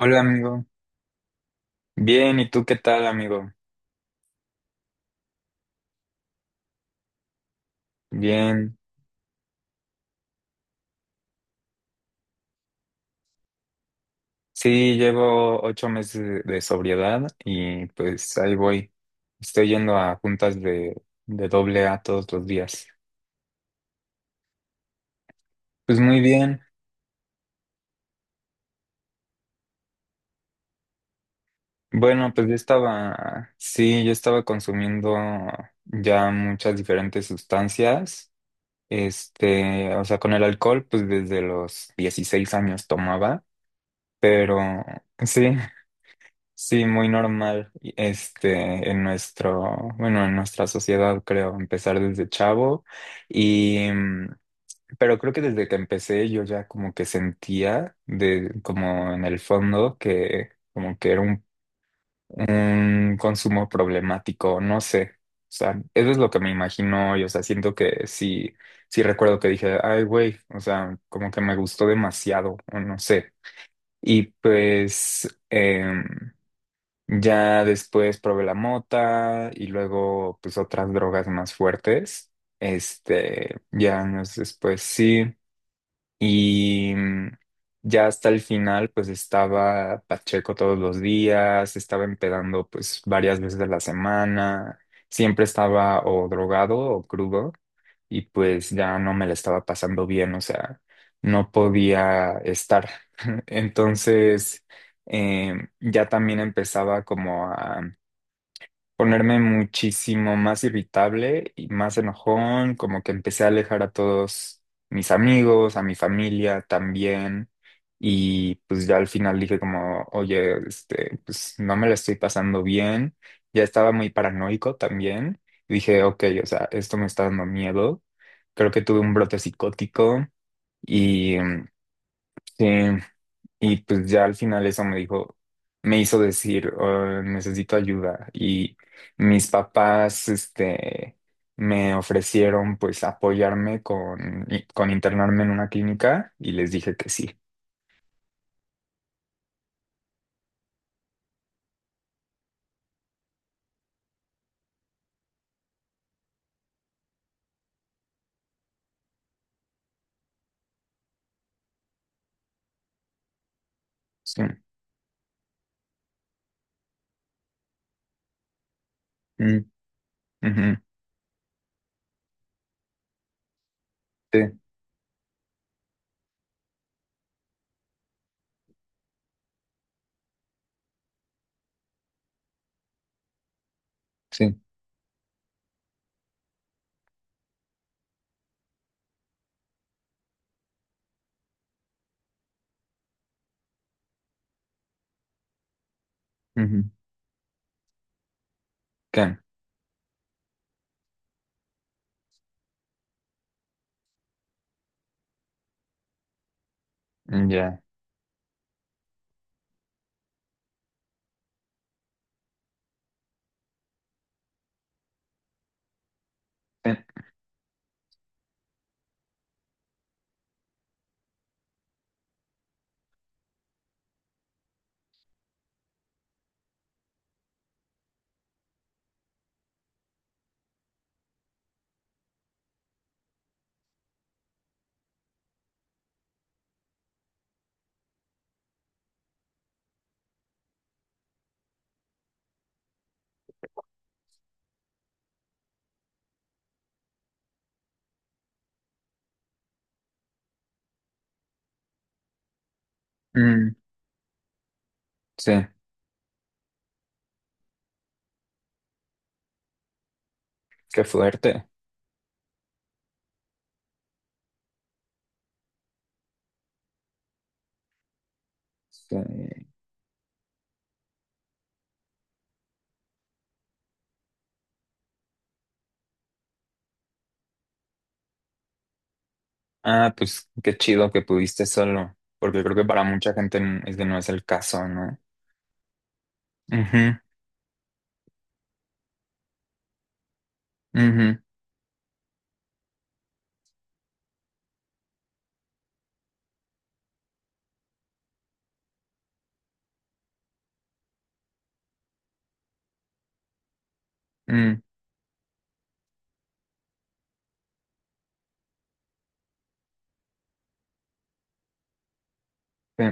Hola amigo, bien, ¿y tú qué tal amigo? Bien, sí, llevo 8 meses de sobriedad y pues ahí voy. Estoy yendo a juntas de AA todos los días. Pues muy bien, bueno, pues yo estaba, sí, yo estaba consumiendo ya muchas diferentes sustancias, este, o sea, con el alcohol pues desde los 16 años tomaba, pero sí. Sí, muy normal, y, este, en nuestro, bueno, en nuestra sociedad, creo, empezar desde chavo y, pero creo que desde que empecé yo ya como que sentía de, como en el fondo que como que era un consumo problemático, no sé, o sea, eso es lo que me imagino y, o sea, siento que sí, sí recuerdo que dije, ay, güey, o sea, como que me gustó demasiado, o no sé, y pues, ya después probé la mota y luego pues otras drogas más fuertes. Este, ya años después sí. Y ya hasta el final, pues estaba Pacheco todos los días, estaba empedando pues varias veces a la semana, siempre estaba o drogado o crudo y pues ya no me la estaba pasando bien, o sea, no podía estar. Entonces, ya también empezaba como a ponerme muchísimo más irritable y más enojón, como que empecé a alejar a todos mis amigos, a mi familia también, y pues ya al final dije como, oye, este, pues no me la estoy pasando bien, ya estaba muy paranoico también, y dije, ok, o sea, esto me está dando miedo, creo que tuve un brote psicótico y sí, y pues ya al final eso me dijo, me hizo decir, "Oh, necesito ayuda." Y mis papás, este, me ofrecieron pues apoyarme con internarme en una clínica y les dije que sí. Sí. Mm, ujú, sí, sí. Ujú. ¿Qué? Mm. Ya. Sí. Mm, sí. Qué fuerte. Sí. Ah, pues qué chido que pudiste solo, porque creo que para mucha gente este no es el caso, ¿no? Ujú, ujú, mm, sí.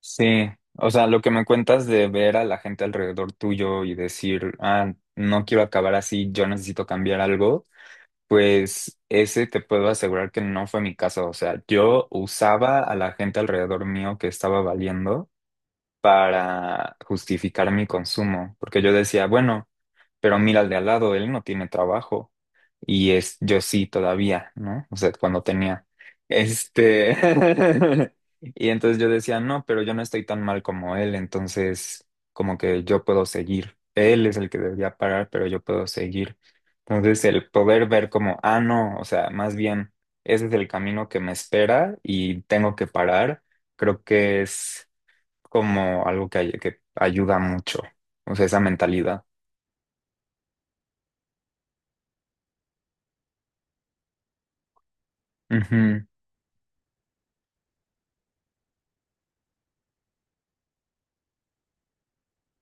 Sí, o sea, lo que me cuentas de ver a la gente alrededor tuyo y decir, ah, no quiero acabar así, yo necesito cambiar algo, pues ese te puedo asegurar que no fue mi caso. O sea, yo usaba a la gente alrededor mío que estaba valiendo para justificar mi consumo, porque yo decía, bueno, pero mira al de al lado, él no tiene trabajo. Y es, yo sí todavía, ¿no? O sea, cuando tenía, este, y entonces yo decía, no, pero yo no estoy tan mal como él, entonces como que yo puedo seguir. Él es el que debería parar, pero yo puedo seguir. Entonces el poder ver como, ah, no, o sea, más bien, ese es el camino que me espera y tengo que parar, creo que es como algo que, que ayuda mucho, o sea, esa mentalidad. Ujú,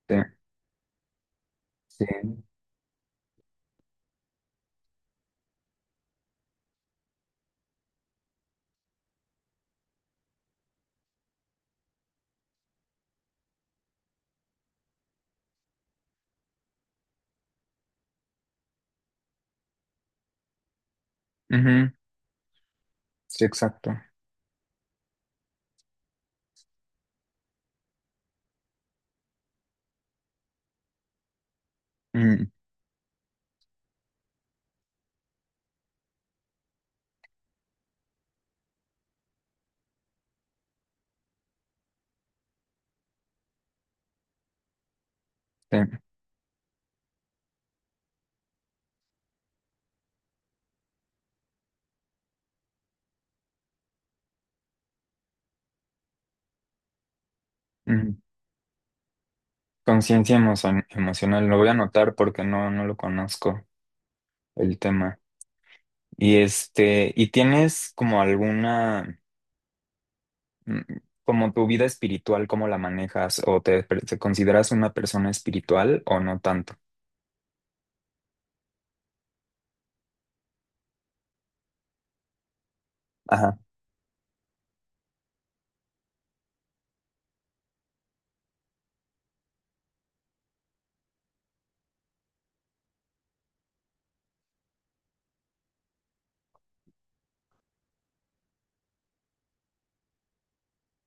sí, sí. Ujú, sí, exacto. Mm, sí, mm. Conciencia emocional, lo voy a anotar porque no, no lo conozco el tema. Y este, ¿y tienes como alguna, mm, como tu vida espiritual, cómo la manejas? ¿O te consideras una persona espiritual o no tanto? Ajá.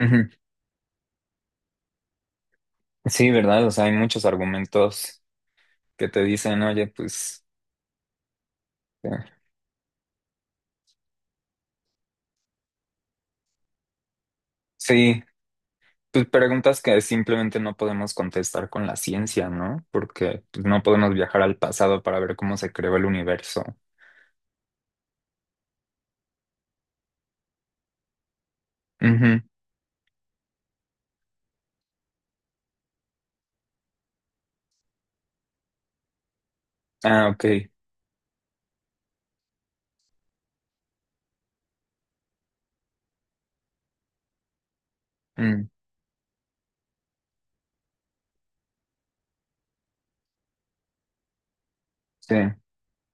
Ujú. Sí, ¿verdad? O sea, hay muchos argumentos que te dicen, oye, pues, eh, sí. Pues preguntas que simplemente no podemos contestar con la ciencia, ¿no? Porque pues, no podemos viajar al pasado para ver cómo se creó el universo. Ujú. Ah, ok. Mm, sí.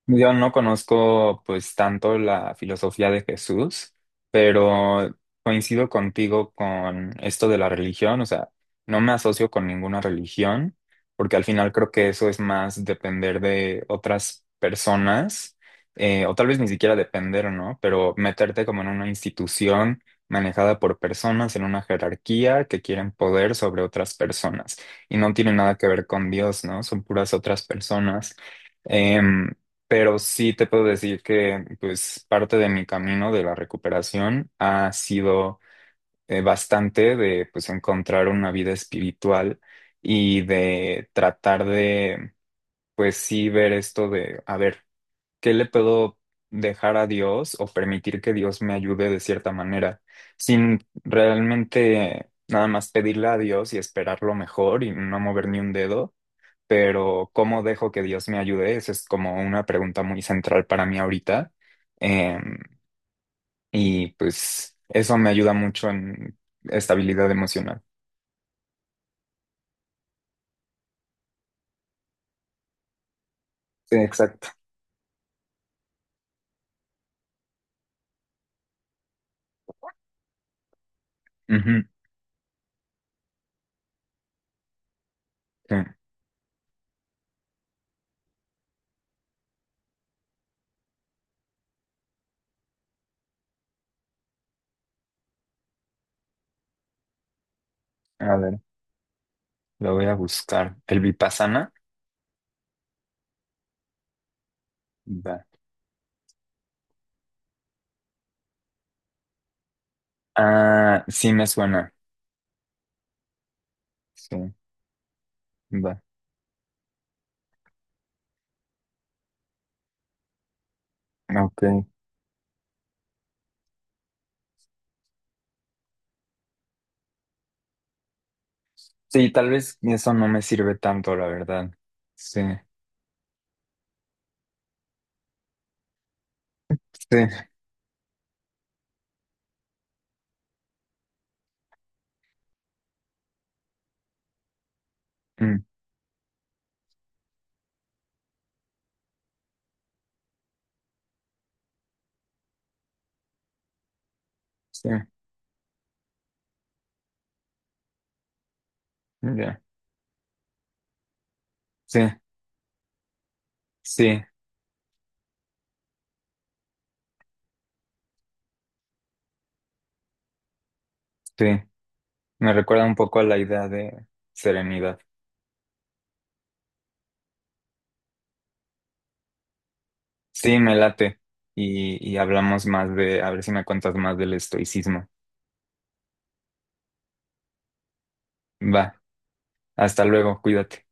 Yo no conozco pues tanto la filosofía de Jesús, pero coincido contigo con esto de la religión, o sea, no me asocio con ninguna religión, porque al final creo que eso es más depender de otras personas, o tal vez ni siquiera depender, ¿no? Pero meterte como en una institución manejada por personas en una jerarquía que quieren poder sobre otras personas y no tiene nada que ver con Dios, ¿no? Son puras otras personas. Em, pero sí te puedo decir que pues parte de mi camino de la recuperación ha sido bastante de pues encontrar una vida espiritual y de tratar de pues sí ver esto de a ver, ¿qué le puedo dejar a Dios o permitir que Dios me ayude de cierta manera sin realmente nada más pedirle a Dios y esperar lo mejor y no mover ni un dedo? Pero ¿cómo dejo que Dios me ayude? Esa es como una pregunta muy central para mí ahorita. Eh, y pues eso me ayuda mucho en estabilidad emocional. Sí, exacto. Ujú, sí. A ver, lo voy a buscar. ¿El Vipassana? Va. Ah, sí me suena. Sí, va. Ok. Sí, tal vez eso no me sirve tanto, la verdad. Sí, sí, mm, sí, ya. Sí, sí, sí. Me recuerda un poco a la idea de serenidad. Sí, me late. Y hablamos más de, a ver si me cuentas más del estoicismo. Va, hasta luego, cuídate.